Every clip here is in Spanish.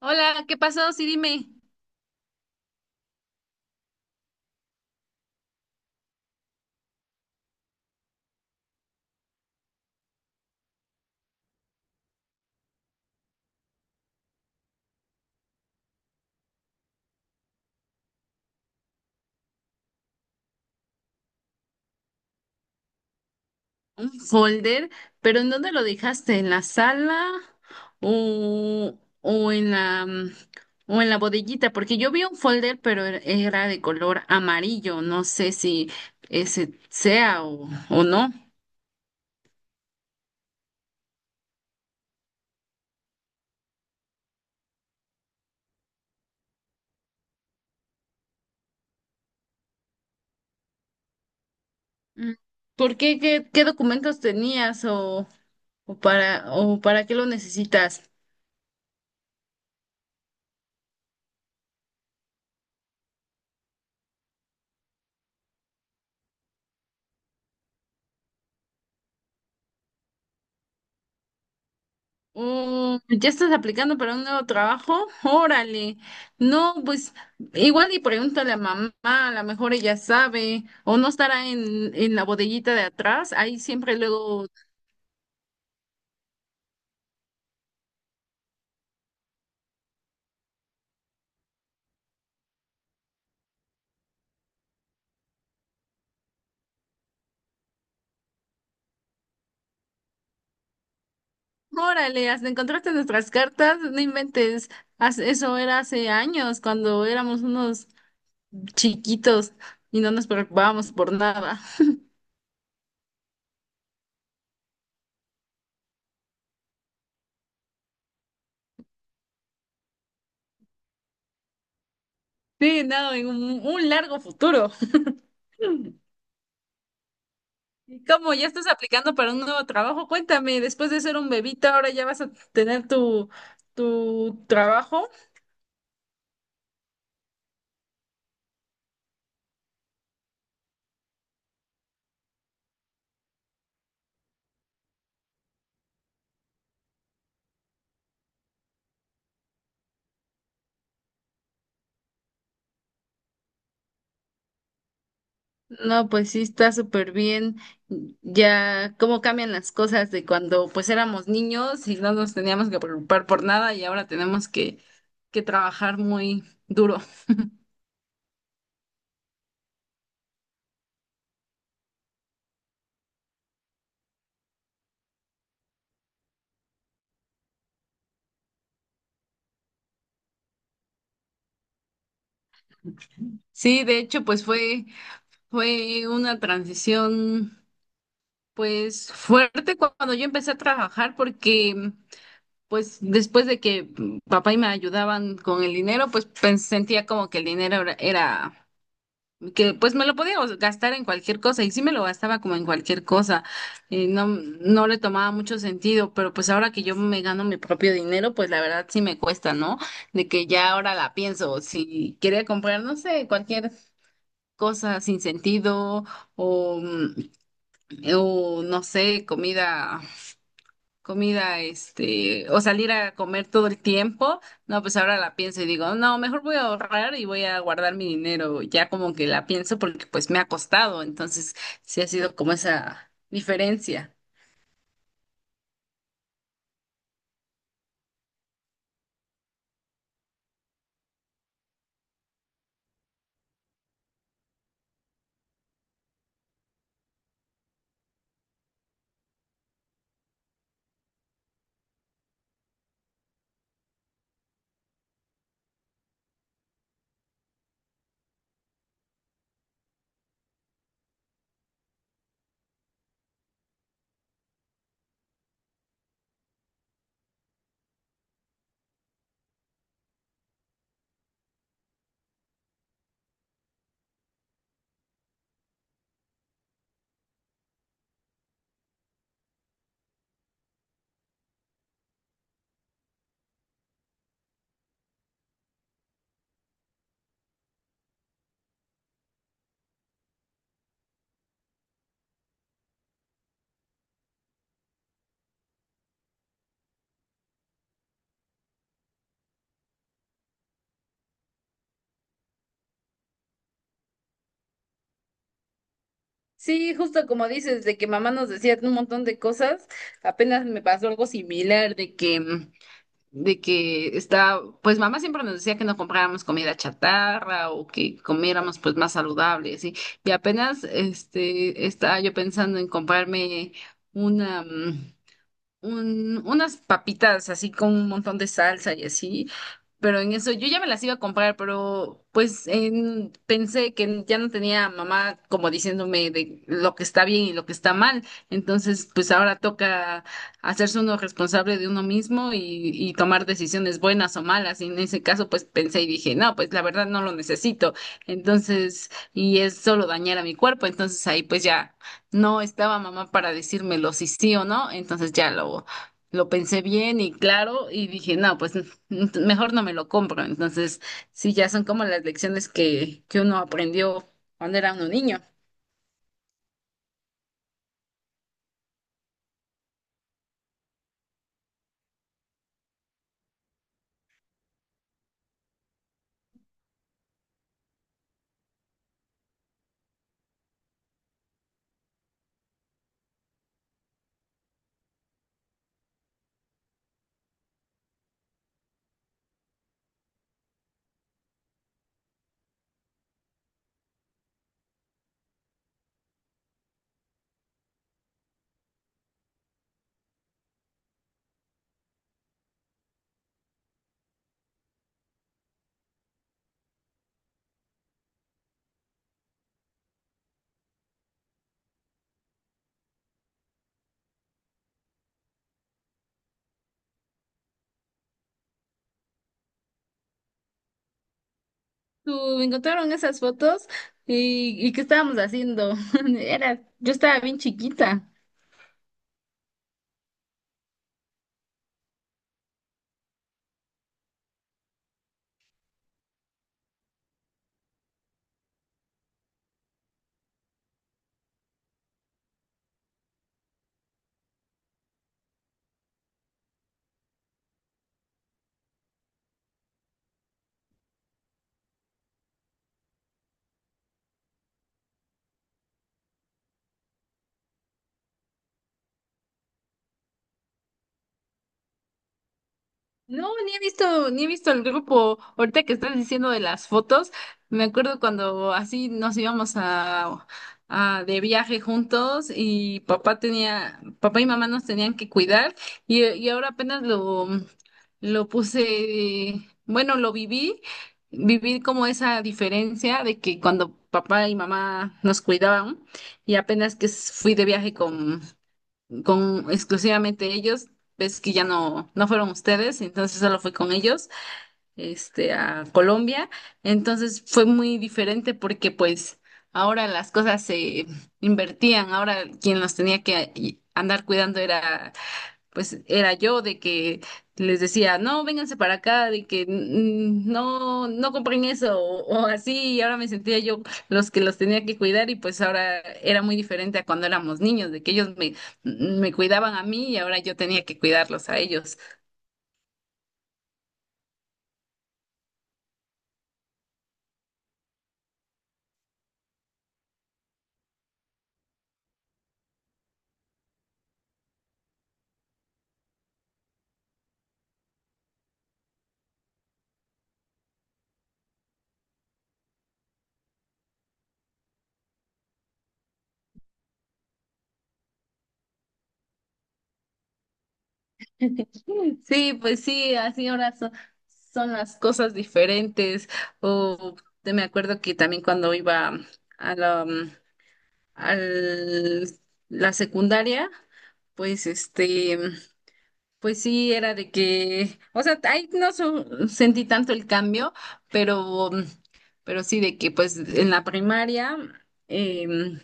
Hola, ¿qué pasó? Sí, dime. Un folder, pero ¿en dónde lo dejaste? ¿En la sala o, o en la bodeguita? Porque yo vi un folder, pero era de color amarillo. No sé si ese sea o no. Mm, ¿por qué? ¿Qué documentos tenías o para qué lo necesitas? Mm, ¿ya estás aplicando para un nuevo trabajo? Órale. No, pues igual y pregúntale a mamá, a lo mejor ella sabe, o no estará en la bodeguita de atrás, ahí siempre luego. Órale, hasta encontraste nuestras cartas, no inventes. Eso era hace años, cuando éramos unos chiquitos y no nos preocupábamos por nada. Sí, nada, en un largo futuro. ¿Y cómo ya estás aplicando para un nuevo trabajo? Cuéntame, después de ser un bebito, ahora ya vas a tener tu trabajo. No, pues sí, está súper bien. Ya cómo cambian las cosas de cuando pues éramos niños y no nos teníamos que preocupar por nada y ahora tenemos que trabajar muy duro. Sí, de hecho, pues fue una transición pues fuerte cuando yo empecé a trabajar porque pues después de que papá y me ayudaban con el dinero, pues, sentía como que el dinero que pues me lo podía gastar en cualquier cosa y sí me lo gastaba como en cualquier cosa. Y no, no le tomaba mucho sentido, pero pues ahora que yo me gano mi propio dinero, pues la verdad sí me cuesta, ¿no? De que ya ahora la pienso, si quería comprar, no sé, cualquier cosa sin sentido o, mm, o no sé, comida, este, o salir a comer todo el tiempo. No, pues ahora la pienso y digo, no, mejor voy a ahorrar y voy a guardar mi dinero, ya como que la pienso porque pues me ha costado, entonces sí ha sido como esa diferencia. Sí, justo como dices, de que mamá nos decía un montón de cosas, apenas me pasó algo similar, de que está, pues mamá siempre nos decía que no compráramos comida chatarra o que comiéramos pues más saludable, así. Y apenas este estaba yo pensando en comprarme una, mm, unas papitas así con un montón de salsa y así, pero en eso yo ya me las iba a comprar, pero pues pensé que ya no tenía mamá como diciéndome de lo que está bien y lo que está mal, entonces pues ahora toca hacerse uno responsable de uno mismo y tomar decisiones buenas o malas, y en ese caso pues pensé y dije, no, pues la verdad no lo necesito, entonces, y es solo dañar a mi cuerpo, entonces ahí pues ya. No estaba mamá para decírmelo si sí o no, entonces ya lo pensé bien y claro y dije, no, pues mejor no me lo compro. Entonces, sí, ya son como las lecciones que uno aprendió cuando era uno niño. ¿Tú encontraron esas fotos? Y qué estábamos haciendo? Era, yo estaba bien chiquita. No, ni he visto el grupo. Ahorita que estás diciendo de las fotos, me acuerdo cuando así nos íbamos a de viaje juntos y papá y mamá nos tenían que cuidar y ahora apenas lo puse, bueno, lo viví, viví como esa diferencia de que cuando papá y mamá nos cuidaban y apenas que fui de viaje con exclusivamente ellos. Ves que ya no, no fueron ustedes, entonces solo fue con ellos, este, a Colombia. Entonces fue muy diferente porque pues ahora las cosas se invertían, ahora quien los tenía que andar cuidando era pues era yo de que les decía, no, vénganse para acá, de que "Mm, no, no compren eso o así", y ahora me sentía yo los que los tenía que cuidar y pues ahora era muy diferente a cuando éramos niños, de que me cuidaban a mí y ahora yo tenía que cuidarlos a ellos. Sí, pues sí, así ahora son, son las cosas diferentes o me acuerdo que también cuando iba a la, mm, al- la secundaria, pues este... Pues sí, era de que, o sea, ahí no so- sentí tanto el cambio, pero, pero sí de que pues en la primaria em,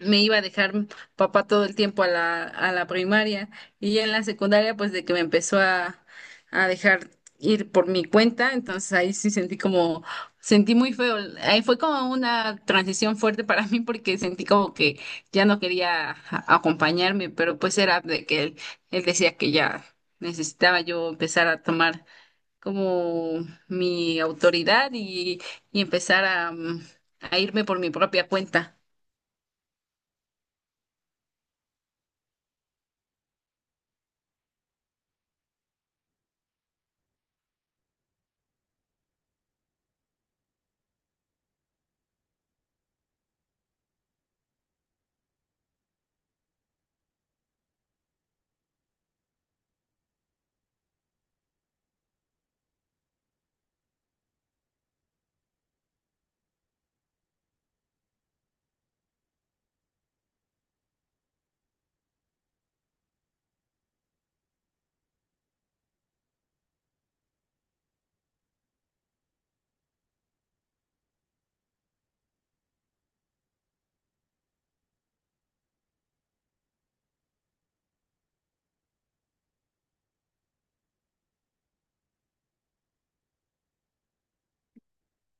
me iba a dejar papá todo el tiempo a la primaria y ya en la secundaria pues de que me empezó a dejar ir por mi cuenta, entonces ahí sí sentí como, sentí muy feo, ahí fue como una transición fuerte para mí porque sentí como que ya no quería acompañarme, pero pues era de que él decía que ya necesitaba yo empezar a tomar como mi autoridad y empezar a irme por mi propia cuenta.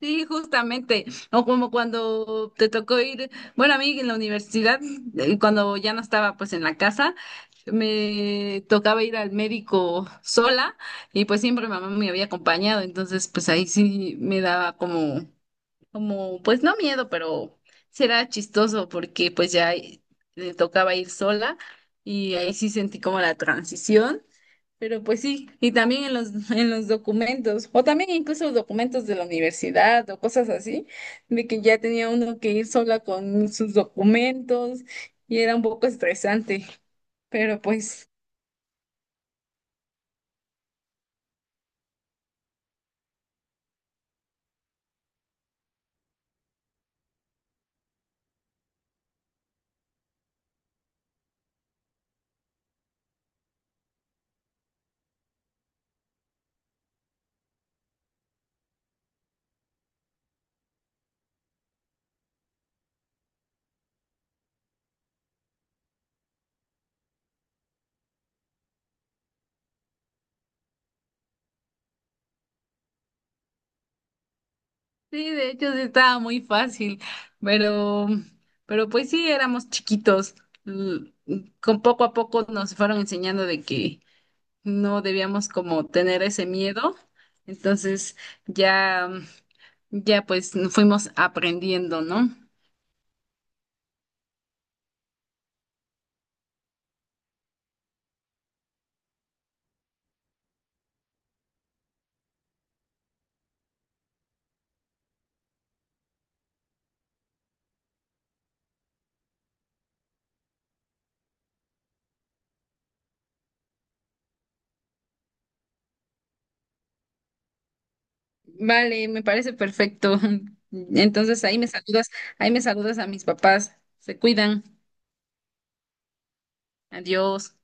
Sí, justamente. O como cuando te tocó ir, bueno, a mí en la universidad, cuando ya no estaba pues en la casa, me tocaba ir al médico sola y pues siempre mamá me había acompañado, entonces pues ahí sí me daba como, pues no miedo, pero será chistoso porque pues ya me tocaba ir sola y ahí sí sentí como la transición. Pero pues sí, y también en los, en los documentos, o también incluso documentos de la universidad o cosas así, de que ya tenía uno que ir sola con sus documentos y era un poco estresante, pero pues sí, de hecho sí estaba muy fácil, pero, pero pues sí, éramos chiquitos, l- con poco a poco nos fueron enseñando de que no debíamos como tener ese miedo, entonces ya, ya pues fuimos aprendiendo, ¿no? Vale, me parece perfecto. Entonces ahí me saludas a mis papás. Se cuidan. Adiós.